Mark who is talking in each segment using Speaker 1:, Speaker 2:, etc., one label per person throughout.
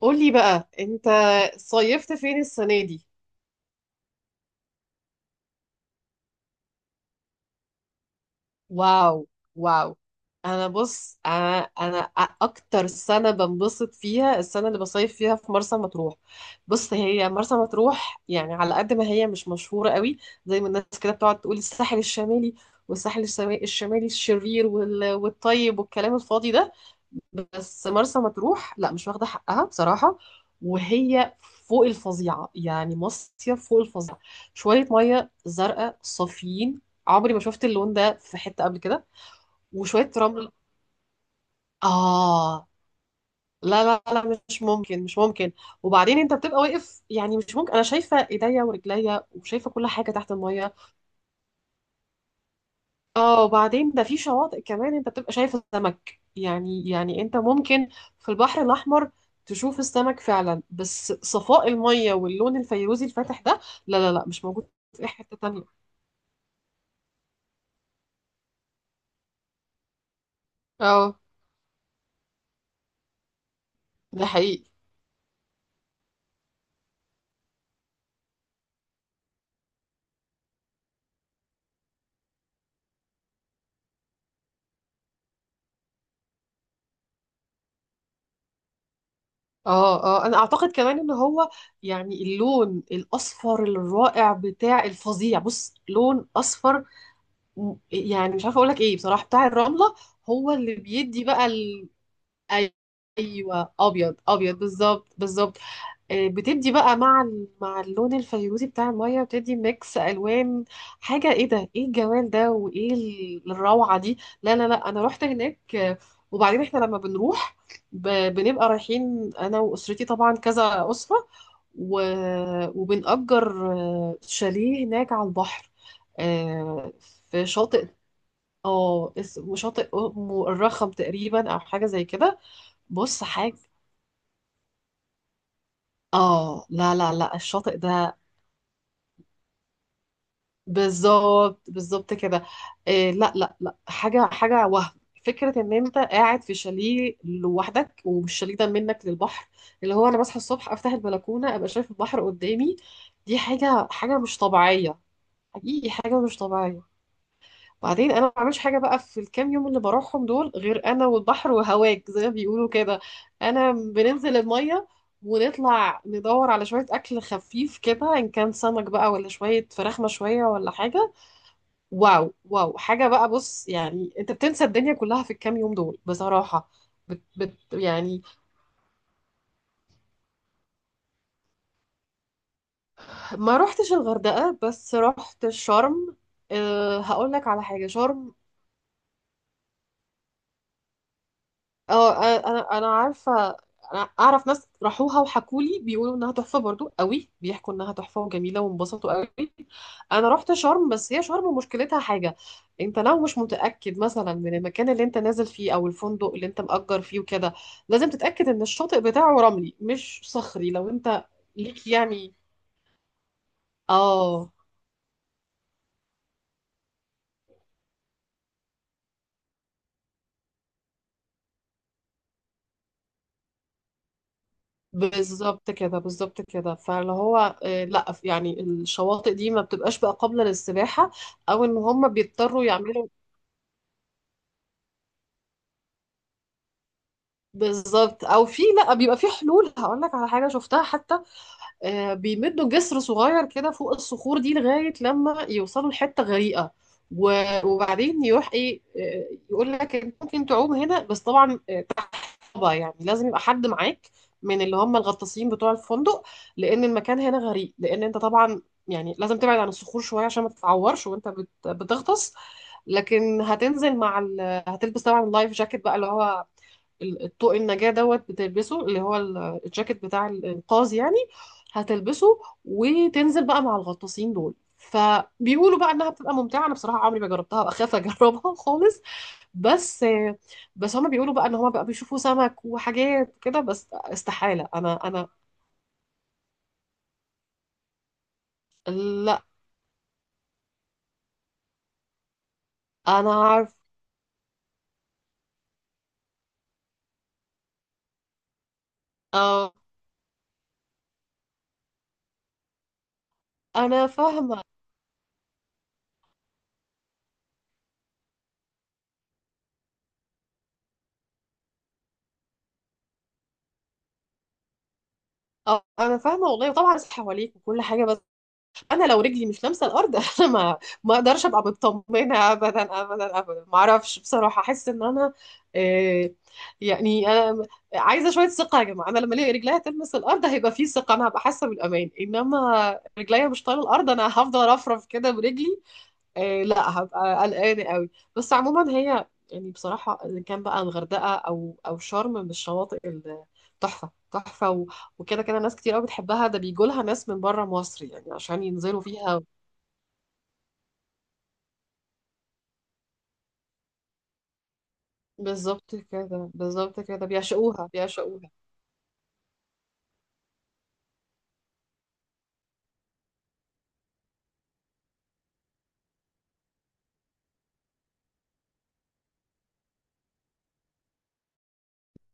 Speaker 1: قولي بقى انت صيفت فين السنة دي؟ واو واو. انا بص، انا اكتر سنه بنبسط فيها السنه اللي بصيف فيها في مرسى مطروح. بص، هي مرسى مطروح يعني على قد ما هي مش مشهوره قوي زي ما الناس كده بتقعد تقول الساحل الشمالي، والساحل الشمالي الشرير والطيب والكلام الفاضي ده. بس مرسى مطروح لا، مش واخده حقها بصراحه، وهي فوق الفظيعه، يعني مصيف فوق الفظيعه. شويه ميه زرقاء صافيين، عمري ما شفت اللون ده في حتة قبل كده. وشوية رمل. آه، لا لا لا، مش ممكن، مش ممكن. وبعدين انت بتبقى واقف، يعني مش ممكن انا شايفة ايديا ورجليا وشايفة كل حاجة تحت المية. اه، وبعدين ده في شواطئ كمان انت بتبقى شايف السمك يعني انت ممكن في البحر الأحمر تشوف السمك فعلا، بس صفاء المية واللون الفيروزي الفاتح ده لا لا لا، مش موجود في اي حتة تانية. اه، ده حقيقي. اه اه، انا اعتقد كمان ان هو يعني اللون الاصفر الرائع بتاع الفظيع، بص، لون اصفر، يعني مش عارفه اقول لك ايه بصراحه، بتاع الرمله هو اللي بيدي بقى ال... أي- ايوه، ابيض ابيض بالظبط بالظبط. بتدي بقى مع اللون الفيروزي بتاع المية، بتدي ميكس ألوان. حاجة ايه ده، ايه الجمال ده وايه الروعة دي؟ لا لا لا، انا رحت هناك. وبعدين احنا لما بنروح، بنبقى رايحين انا واسرتي طبعا كذا أسرة، وبنأجر شاليه هناك على البحر. آه، في شاطئ اه اسمه شاطئ ام الرخم تقريبا او حاجة زي كده. بص، حاجة اه، لا لا لا، الشاطئ ده بالظبط بالظبط كده. إيه، لا لا لا، حاجه حاجه وهم. فكره ان انت قاعد في شاليه لوحدك والشاليه ده منك للبحر، اللي هو انا بصحى الصبح افتح البلكونه ابقى شايف البحر قدامي. دي حاجه حاجه مش طبيعيه، حقيقي حاجه مش طبيعيه. بعدين انا ما بعملش حاجه بقى في الكام يوم اللي بروحهم دول غير انا والبحر وهواك زي ما بيقولوا كده. انا بننزل الميه ونطلع ندور على شويه اكل خفيف كده، ان كان سمك بقى ولا شويه فراخ مشويه ولا حاجه. واو واو، حاجة بقى، بص، يعني انت بتنسى الدنيا كلها في الكام يوم دول بصراحة. بت يعني. ما روحتش الغردقة بس رحت شرم. أه، هقول لك على حاجة. شرم، اه، آه، انا عارفة، انا اعرف ناس راحوها وحكولي، بيقولوا انها تحفة برضو، قوي بيحكوا انها تحفة وجميلة وانبسطوا قوي. انا رحت شرم، بس هي شرم مشكلتها حاجه. انت لو مش متاكد مثلا من المكان اللي انت نازل فيه او الفندق اللي انت مأجر فيه وكده، لازم تتاكد ان الشاطئ بتاعه رملي مش صخري، لو انت ليك يعني. اه، بالظبط كده، بالظبط كده. فاللي هو لا يعني الشواطئ دي ما بتبقاش بقى قابله للسباحه، او ان هم بيضطروا يعملوا. بالظبط. او في، لا، بيبقى في حلول، هقول لك على حاجه شفتها حتى. بيمدوا جسر صغير كده فوق الصخور دي لغاية لما يوصلوا لحتة غريقة، وبعدين يروح ايه، يقول لك انت ممكن تعوم هنا، بس طبعا طبعا يعني لازم يبقى حد معاك من اللي هم الغطاسين بتوع الفندق، لان المكان هنا غريق، لان انت طبعا يعني لازم تبعد عن الصخور شويه عشان ما تتعورش وانت بتغطس. لكن هتنزل مع ال... هتلبس طبعا اللايف جاكيت بقى، اللي هو الطوق النجاة دوت بتلبسه، اللي هو الجاكيت بتاع الإنقاذ يعني. هتلبسه وتنزل بقى مع الغطاسين دول، فبيقولوا بقى انها بتبقى ممتعه. انا بصراحه عمري ما جربتها، بخاف اجربها خالص. بس بس هما بيقولوا بقى ان هما بقى بيشوفوا سمك وحاجات كده، بس استحاله، انا لا. انا عارف. اه، انا فاهمه. اه، انا فاهمه والله، طبعا حواليك وكل حاجه، بس انا لو رجلي مش لامسه الارض انا ما اقدرش ابقى مطمنه ابدا ابدا ابدا، ما اعرفش بصراحه، احس ان انا، آه، يعني انا عايزه شويه ثقه يا جماعه، انا لما الاقي رجليا تلمس الارض هيبقى في ثقه، انا هبقى حاسه بالامان، انما رجليا مش طايله الارض انا هفضل ارفرف كده برجلي. لا، هبقى قلقانة قوي. بس عموما هي يعني بصراحة إن كان بقى الغردقة أو أو شرم من الشواطئ تحفة تحفة وكده كده ناس كتير قوي بتحبها، ده بيجولها ناس من بره مصر يعني عشان ينزلوا فيها. بالظبط كده بالظبط كده، بيعشقوها بيعشقوها.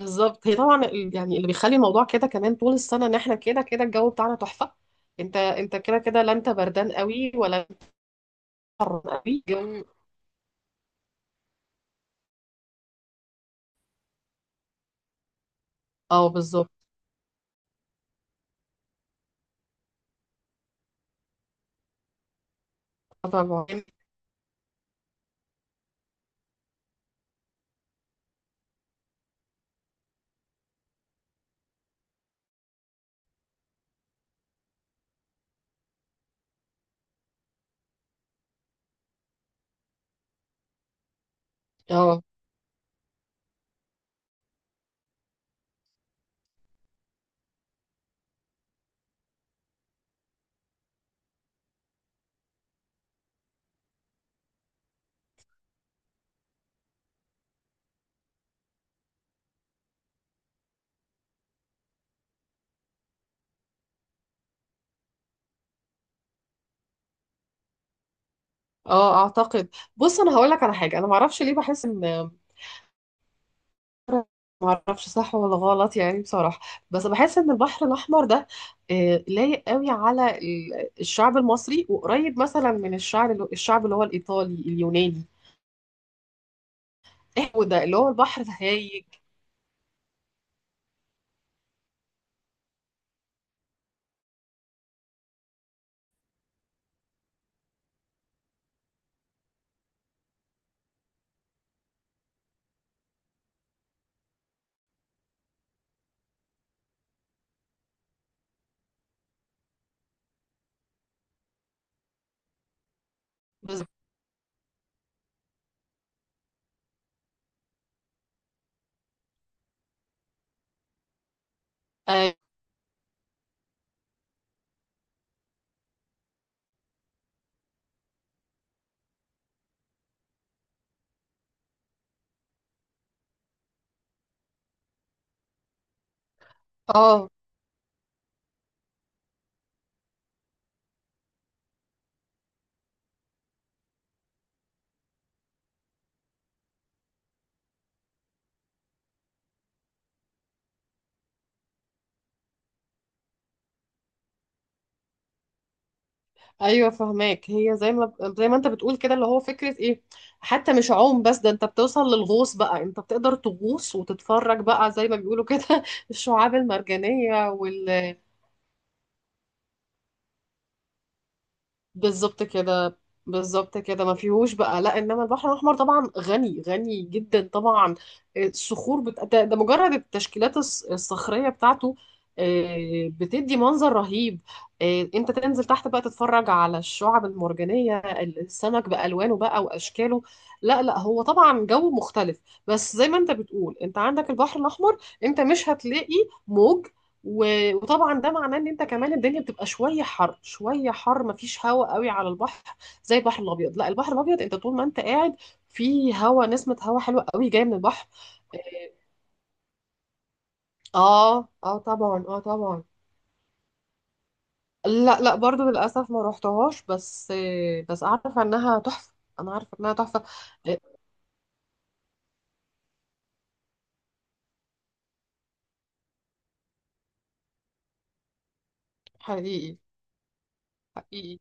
Speaker 1: بالظبط، هي طبعا يعني اللي بيخلي الموضوع كده كمان طول السنة إن إحنا كده كده الجو بتاعنا تحفة. أنت أنت كده كده، لا أنت بردان قوي ولا أنت حر قوي الجو. أه، بالظبط، طبعا. أه، اه اعتقد. بص، انا هقول لك على حاجه، انا ما اعرفش ليه بحس ان، ما اعرفش صح ولا غلط يعني بصراحه، بس بحس ان البحر الاحمر ده لايق قوي على الشعب المصري، وقريب مثلا من الشعب الشعب اللي هو الايطالي اليوناني. ايه، هو ده اللي هو البحر الهايج. بس- اه. آه. ايوه، فهماك. هي زي ما زي ما انت بتقول كده، اللي هو فكره ايه، حتى مش عوم بس، ده انت بتوصل للغوص بقى، انت بتقدر تغوص وتتفرج بقى زي ما بيقولوا كده الشعاب المرجانيه. بالظبط كده، بالظبط كده ما فيهوش بقى لا، انما البحر الاحمر طبعا غني غني جدا طبعا. الصخور بت... ده مجرد التشكيلات الصخريه بتاعته بتدي منظر رهيب. انت تنزل تحت بقى تتفرج على الشعب المرجانيه، السمك بالوانه بقى واشكاله. لا لا، هو طبعا جو مختلف. بس زي ما انت بتقول، انت عندك البحر الاحمر، انت مش هتلاقي موج، وطبعا ده معناه ان انت كمان الدنيا بتبقى شويه حر، شويه حر مفيش هواء قوي على البحر زي البحر الابيض. لا، البحر الابيض انت طول ما انت قاعد في هواء نسمه هواء حلوه قوي جايه من البحر. اه اه، آه، طبعا، اه طبعا. لا لا، برضو للاسف ما روحتهاش، بس بس عارفه انها تحفه، انا عارفه انها تحفه. آه، حقيقي، حقيقي.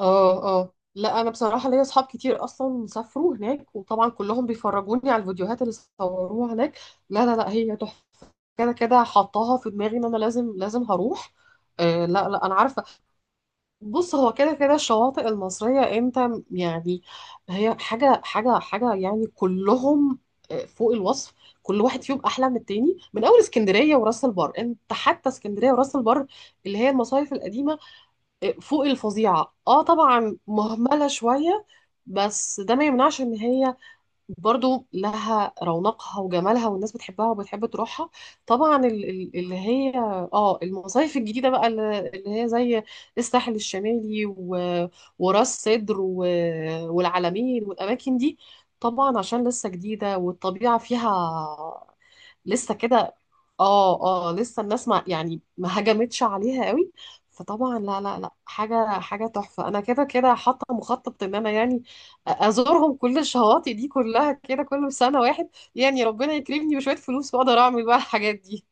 Speaker 1: اه اه، لا انا بصراحه ليا اصحاب كتير اصلا سافروا هناك، وطبعا كلهم بيفرجوني على الفيديوهات اللي صوروها هناك. لا لا لا، هي تحفه كده كده، حطاها في دماغي ان انا لازم لازم هروح. آه، لا لا، انا عارفه. بص، هو كده كده الشواطئ المصريه، انت يعني هي حاجه حاجه حاجه يعني، كلهم فوق الوصف، كل واحد فيهم احلى من التاني. من اول اسكندريه وراس البر، انت حتى اسكندريه وراس البر اللي هي المصايف القديمه، فوق الفظيعة. اه طبعا مهملة شوية، بس ده ما يمنعش ان هي برضو لها رونقها وجمالها، والناس بتحبها وبتحب تروحها. طبعا اللي هي، اه، المصايف الجديدة بقى اللي هي زي الساحل الشمالي وراس سدر والعلمين والاماكن دي، طبعا عشان لسه جديدة والطبيعة فيها لسه كده، اه اه، لسه الناس ما يعني ما هجمتش عليها قوي. فطبعا لا لا لا، حاجة حاجة تحفة. انا كده كده حاطة مخطط ان انا يعني ازورهم، كل الشواطئ دي كلها كده، كل سنة واحد يعني، ربنا يكرمني بشوية فلوس واقدر اعمل بقى الحاجات دي.